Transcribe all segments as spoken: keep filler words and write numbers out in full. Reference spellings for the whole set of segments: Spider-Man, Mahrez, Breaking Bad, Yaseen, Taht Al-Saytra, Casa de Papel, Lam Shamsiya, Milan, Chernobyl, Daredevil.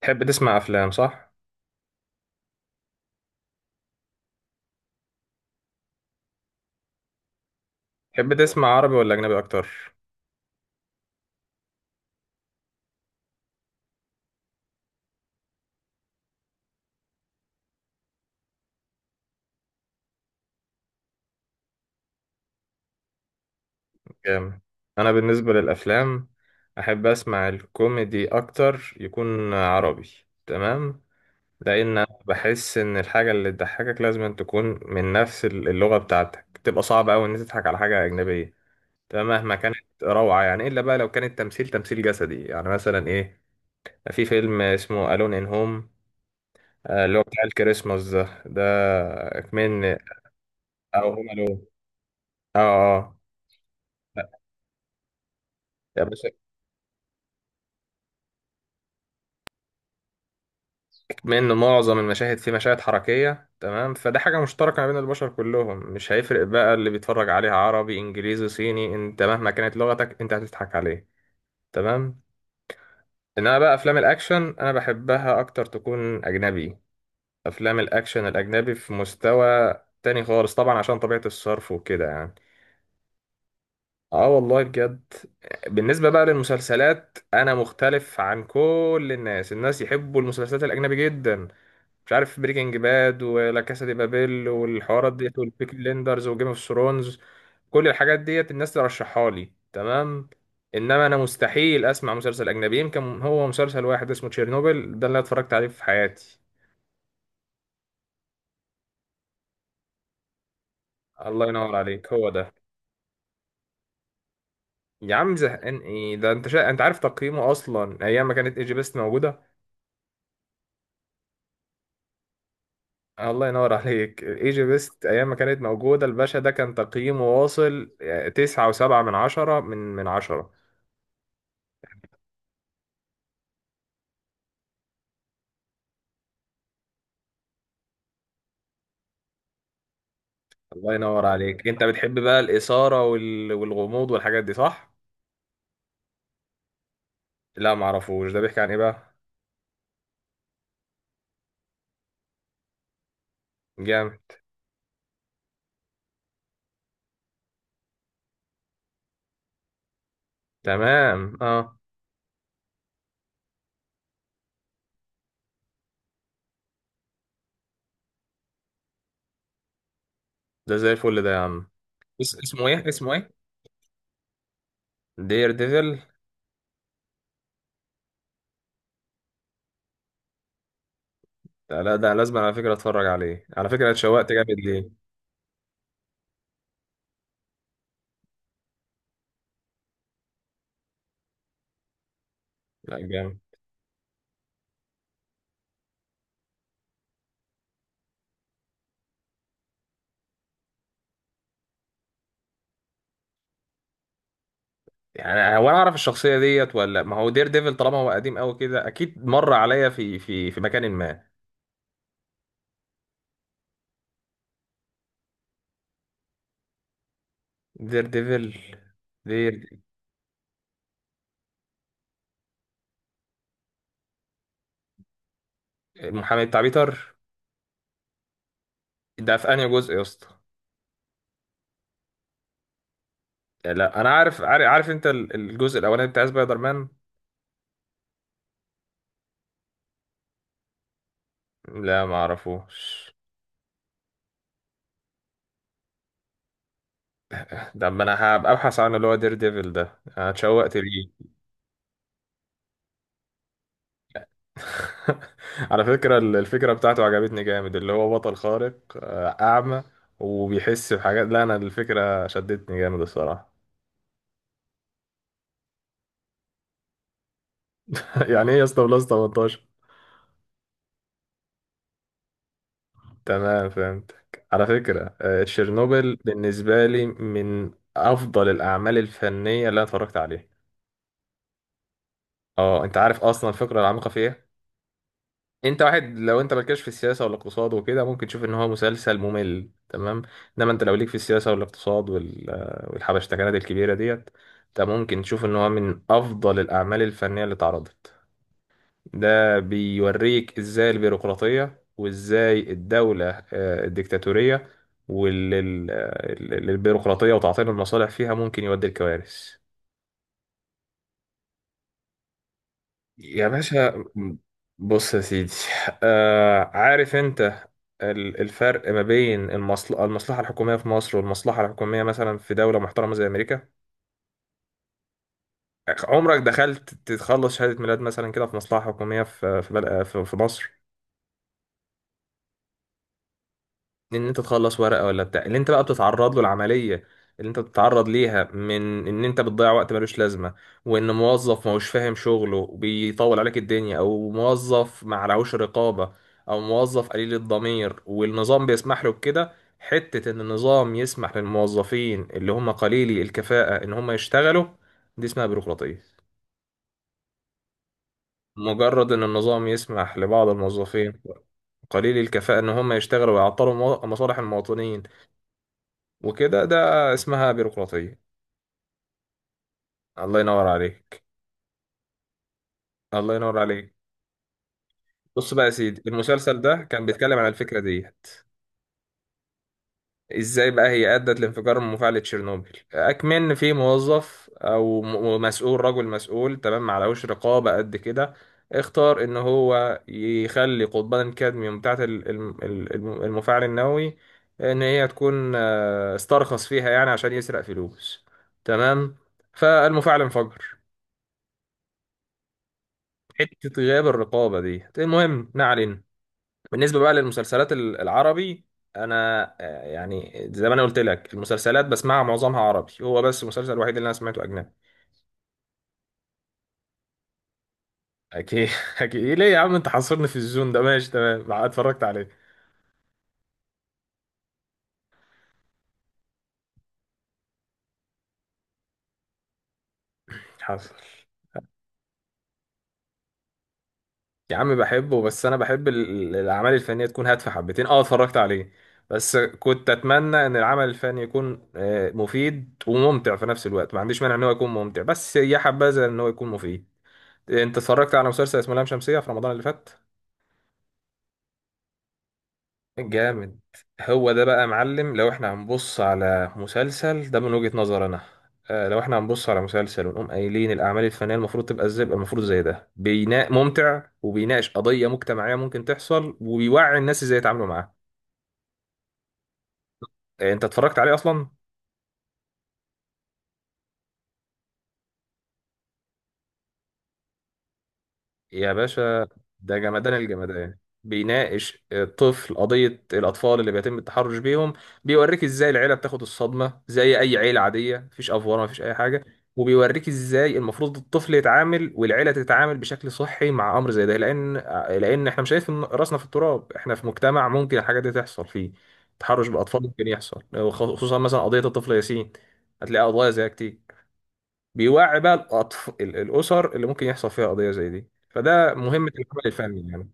تحب تسمع افلام صح؟ تحب تسمع عربي ولا اجنبي اكتر؟ جامد. انا بالنسبه للافلام احب اسمع الكوميدي اكتر يكون عربي. تمام. لان أنا بحس ان الحاجه اللي تضحكك لازم أن تكون من نفس اللغه بتاعتك، تبقى صعب قوي ان أنت تضحك على حاجه اجنبيه تمام مهما كانت. روعه يعني، الا بقى لو كان التمثيل تمثيل جسدي يعني. مثلا ايه؟ في فيلم اسمه الون ان هوم، اللي هو بتاع الكريسماس ده ده كمان. او هوم الون. اه. اه يا باشا، بما ان معظم المشاهد فيه مشاهد حركيه، تمام، فده حاجه مشتركه ما بين البشر كلهم، مش هيفرق بقى اللي بيتفرج عليها عربي انجليزي صيني، انت مهما كانت لغتك انت هتضحك عليه. تمام. انما بقى افلام الاكشن انا بحبها اكتر تكون اجنبي. افلام الاكشن الاجنبي في مستوى تاني خالص طبعا، عشان طبيعه الصرف وكده يعني. اه والله بجد. بالنسبه بقى للمسلسلات، انا مختلف عن كل الناس. الناس يحبوا المسلسلات الاجنبي جدا، مش عارف بريكنج باد ولا كاسا دي بابيل والحوارات ديت، والبيكي بليندرز وجيم اوف ثرونز، كل الحاجات ديت الناس ترشحها لي. تمام. انما انا مستحيل اسمع مسلسل اجنبي، يمكن هو مسلسل واحد اسمه تشيرنوبل ده اللي أنا اتفرجت عليه في حياتي. الله ينور عليك، هو ده. يا عم زهقان ايه ده؟ انت شا... انت عارف تقييمه اصلا ايام ما كانت ايجي بيست موجوده؟ الله ينور عليك، ايجي بيست ايام ما كانت موجوده، الباشا ده كان تقييمه واصل آه، تسعة وسبعة من عشرة من من عشرة. الله ينور عليك. انت بتحب بقى الاثاره وال... والغموض والحاجات دي صح؟ لا، معرفوش. ده بيحكي عن ايه بقى؟ جامد. تمام اه. ده زي الفل ده يا عم. اس... اسمه ايه؟ اسمه ايه دير ديفل ده؟ لا، ده لازم على فكره اتفرج عليه، على فكره اتشوقت جامد ليه. لا جامد. يعني هو انا اعرف الشخصيه ديت، ولا ما هو دير ديفل طالما هو قديم قوي كده اكيد مر عليا في في في مكان ما. دير ديفل. دير. المحامي بتاع بيتر؟ ده في انهي جزء يا اسطى؟ يعني لا انا عارف عارف, عارف. انت ال- الجزء الاولاني بتاع سبايدر مان؟ لا، ما اعرفوش. ده ما انا هبقى ابحث عنه، اللي هو دير ديفل ده انا اتشوقت ليه. على فكرة ال- الفكرة بتاعته عجبتني جامد، اللي هو بطل خارق آه، اعمى وبيحس بحاجات. لا انا الفكرة شدتني جامد الصراحة. يعني ايه يا اسطى بلس تمنتاشر؟ تمام فهمتك. على فكرة آه، تشيرنوبل بالنسبة لي من افضل الاعمال الفنية اللي انا اتفرجت عليها. اه، انت عارف اصلا الفكرة العميقة فيها؟ انت واحد لو انت مالكش في السياسه والاقتصاد وكده، ممكن تشوف ان هو مسلسل ممل تمام. انما انت لو ليك في السياسه والاقتصاد وال... والحبشتكنات الكبيره ديت، انت ممكن تشوف ان هو من افضل الاعمال الفنيه اللي اتعرضت. ده بيوريك ازاي البيروقراطيه، وازاي الدوله آه، الديكتاتوريه والبيروقراطيه وتعطيل المصالح فيها ممكن يودي لكوارث. يا باشا، بص يا سيدي. آه، عارف انت ال- الفرق ما بين المصل... المصلحة الحكومية في مصر والمصلحة الحكومية مثلا في دولة محترمة زي أمريكا؟ عمرك دخلت تخلص شهادة ميلاد مثلا كده في مصلحة حكومية في في, بل... في في مصر؟ ان انت تخلص ورقه، ولا بتاع، اللي انت بقى بتتعرض له العمليه اللي انت بتتعرض ليها، من ان انت بتضيع وقت ملوش لازمه، وان موظف ما هوش فاهم شغله وبيطول عليك الدنيا، او موظف ما عليهوش رقابه، او موظف قليل الضمير والنظام بيسمح له بكده، حته ان النظام يسمح للموظفين اللي هم قليلي الكفاءه ان هم يشتغلوا، دي اسمها بيروقراطيه. مجرد ان النظام يسمح لبعض الموظفين قليلي الكفاءة إن هم يشتغلوا ويعطلوا مو- مصالح المواطنين وكده، ده اسمها بيروقراطية. الله ينور عليك. الله ينور عليك. بص بقى يا سيدي، المسلسل ده كان بيتكلم عن الفكرة دي، ازاي بقى هي أدت لانفجار مفاعل تشيرنوبل. أكمن في موظف أو م- مسؤول، رجل مسؤول تمام معلهوش رقابة قد كده، اختار ان هو يخلي قضبان الكادميوم بتاعت ال- الم- الم- المفاعل النووي ان هي تكون آه، استرخص فيها يعني، عشان يسرق فلوس. تمام. فالمفاعل انفجر. حتة غياب الرقابة دي. المهم ما علينا. بالنسبة بقى للمسلسلات ال- العربي، أنا آه، يعني زي ما أنا قلت لك، المسلسلات بسمعها معظمها عربي، هو بس المسلسل الوحيد اللي أنا سمعته أجنبي. أكيد. أكيد إيه ليه يا عم؟ أنت حاصرني في الزون ده، ماشي، تمام اتفرجت عليه. حاصر. يا عم بحبه، بس أنا بحب ال- ال- الأعمال الفنية تكون هادفة حبتين. أه اتفرجت عليه، بس كنت أتمنى إن العمل الفني يكون آه، مفيد وممتع في نفس الوقت. ما عنديش مانع إن هو يكون ممتع، بس يا حبذا إن هو يكون مفيد. انت اتفرجت على مسلسل اسمه لام شمسية في رمضان اللي فات؟ جامد. هو ده بقى يا معلم. لو احنا هنبص على مسلسل ده من وجهة نظر انا آه، لو احنا هنبص على مسلسل ونقوم قايلين الاعمال الفنية المفروض تبقى ازاي، يبقى المفروض زي ده، بيناء ممتع وبيناقش قضية مجتمعية ممكن تحصل وبيوعي الناس ازاي يتعاملوا معاها. آه، انت اتفرجت عليه اصلا؟ يا باشا ده جمدان الجمدان. بيناقش الطفل قضية الأطفال اللي بيتم التحرش بيهم. بيوريك إزاي العيلة بتاخد الصدمة زي أي عيلة عادية، مفيش أفوار مفيش أي حاجة. وبيوريك إزاي المفروض الطفل يتعامل والعيلة تتعامل بشكل صحي مع أمر زي ده، لأن لأن إحنا مش شايفين راسنا في التراب، إحنا في مجتمع ممكن الحاجات دي تحصل فيه. تحرش بالأطفال ممكن يحصل، وخصوصا مثلا قضية الطفل ياسين، هتلاقي قضايا زيها كتير. بيوعي بقى الأطف... ال- الأسر اللي ممكن يحصل فيها قضية زي دي، فده مهمة العمل الفني يعني.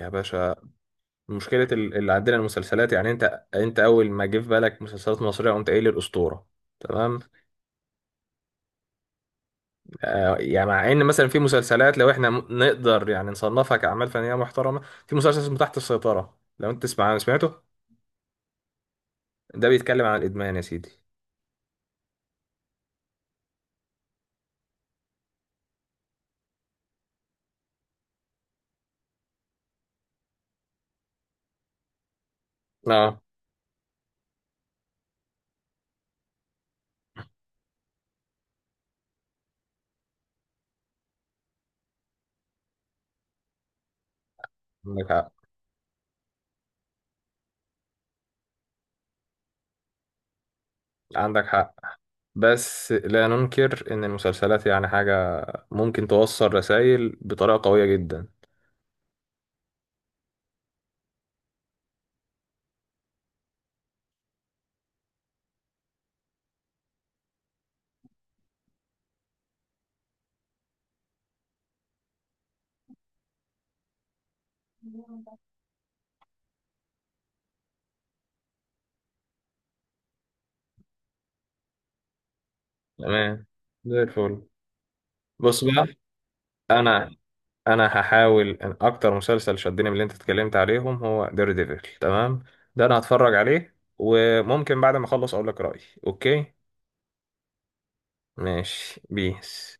يا باشا، مشكلة ال- اللي عندنا المسلسلات يعني، أنت أنت أول ما جه في بالك مسلسلات مصرية قمت قايل الأسطورة. تمام. آه يعني، مع إن مثلا في مسلسلات لو إحنا م- نقدر يعني نصنفها كأعمال فنية محترمة. في مسلسل اسمه تحت السيطرة، لو أنت تسمع سمعته؟ ده بيتكلم عن الإدمان يا سيدي. اه عندك حق. عندك حق. بس لا ننكر إن المسلسلات يعني حاجة ممكن توصل رسائل بطريقة قوية جدا. تمام. زي الفل. بص بقى، أنا أنا هحاول إن أكتر مسلسل شدني من اللي أنت اتكلمت عليهم هو دير ديفل. تمام. ده أنا هتفرج عليه، وممكن بعد ما أخلص أقول لك رأيي. أوكي. ماشي بيس.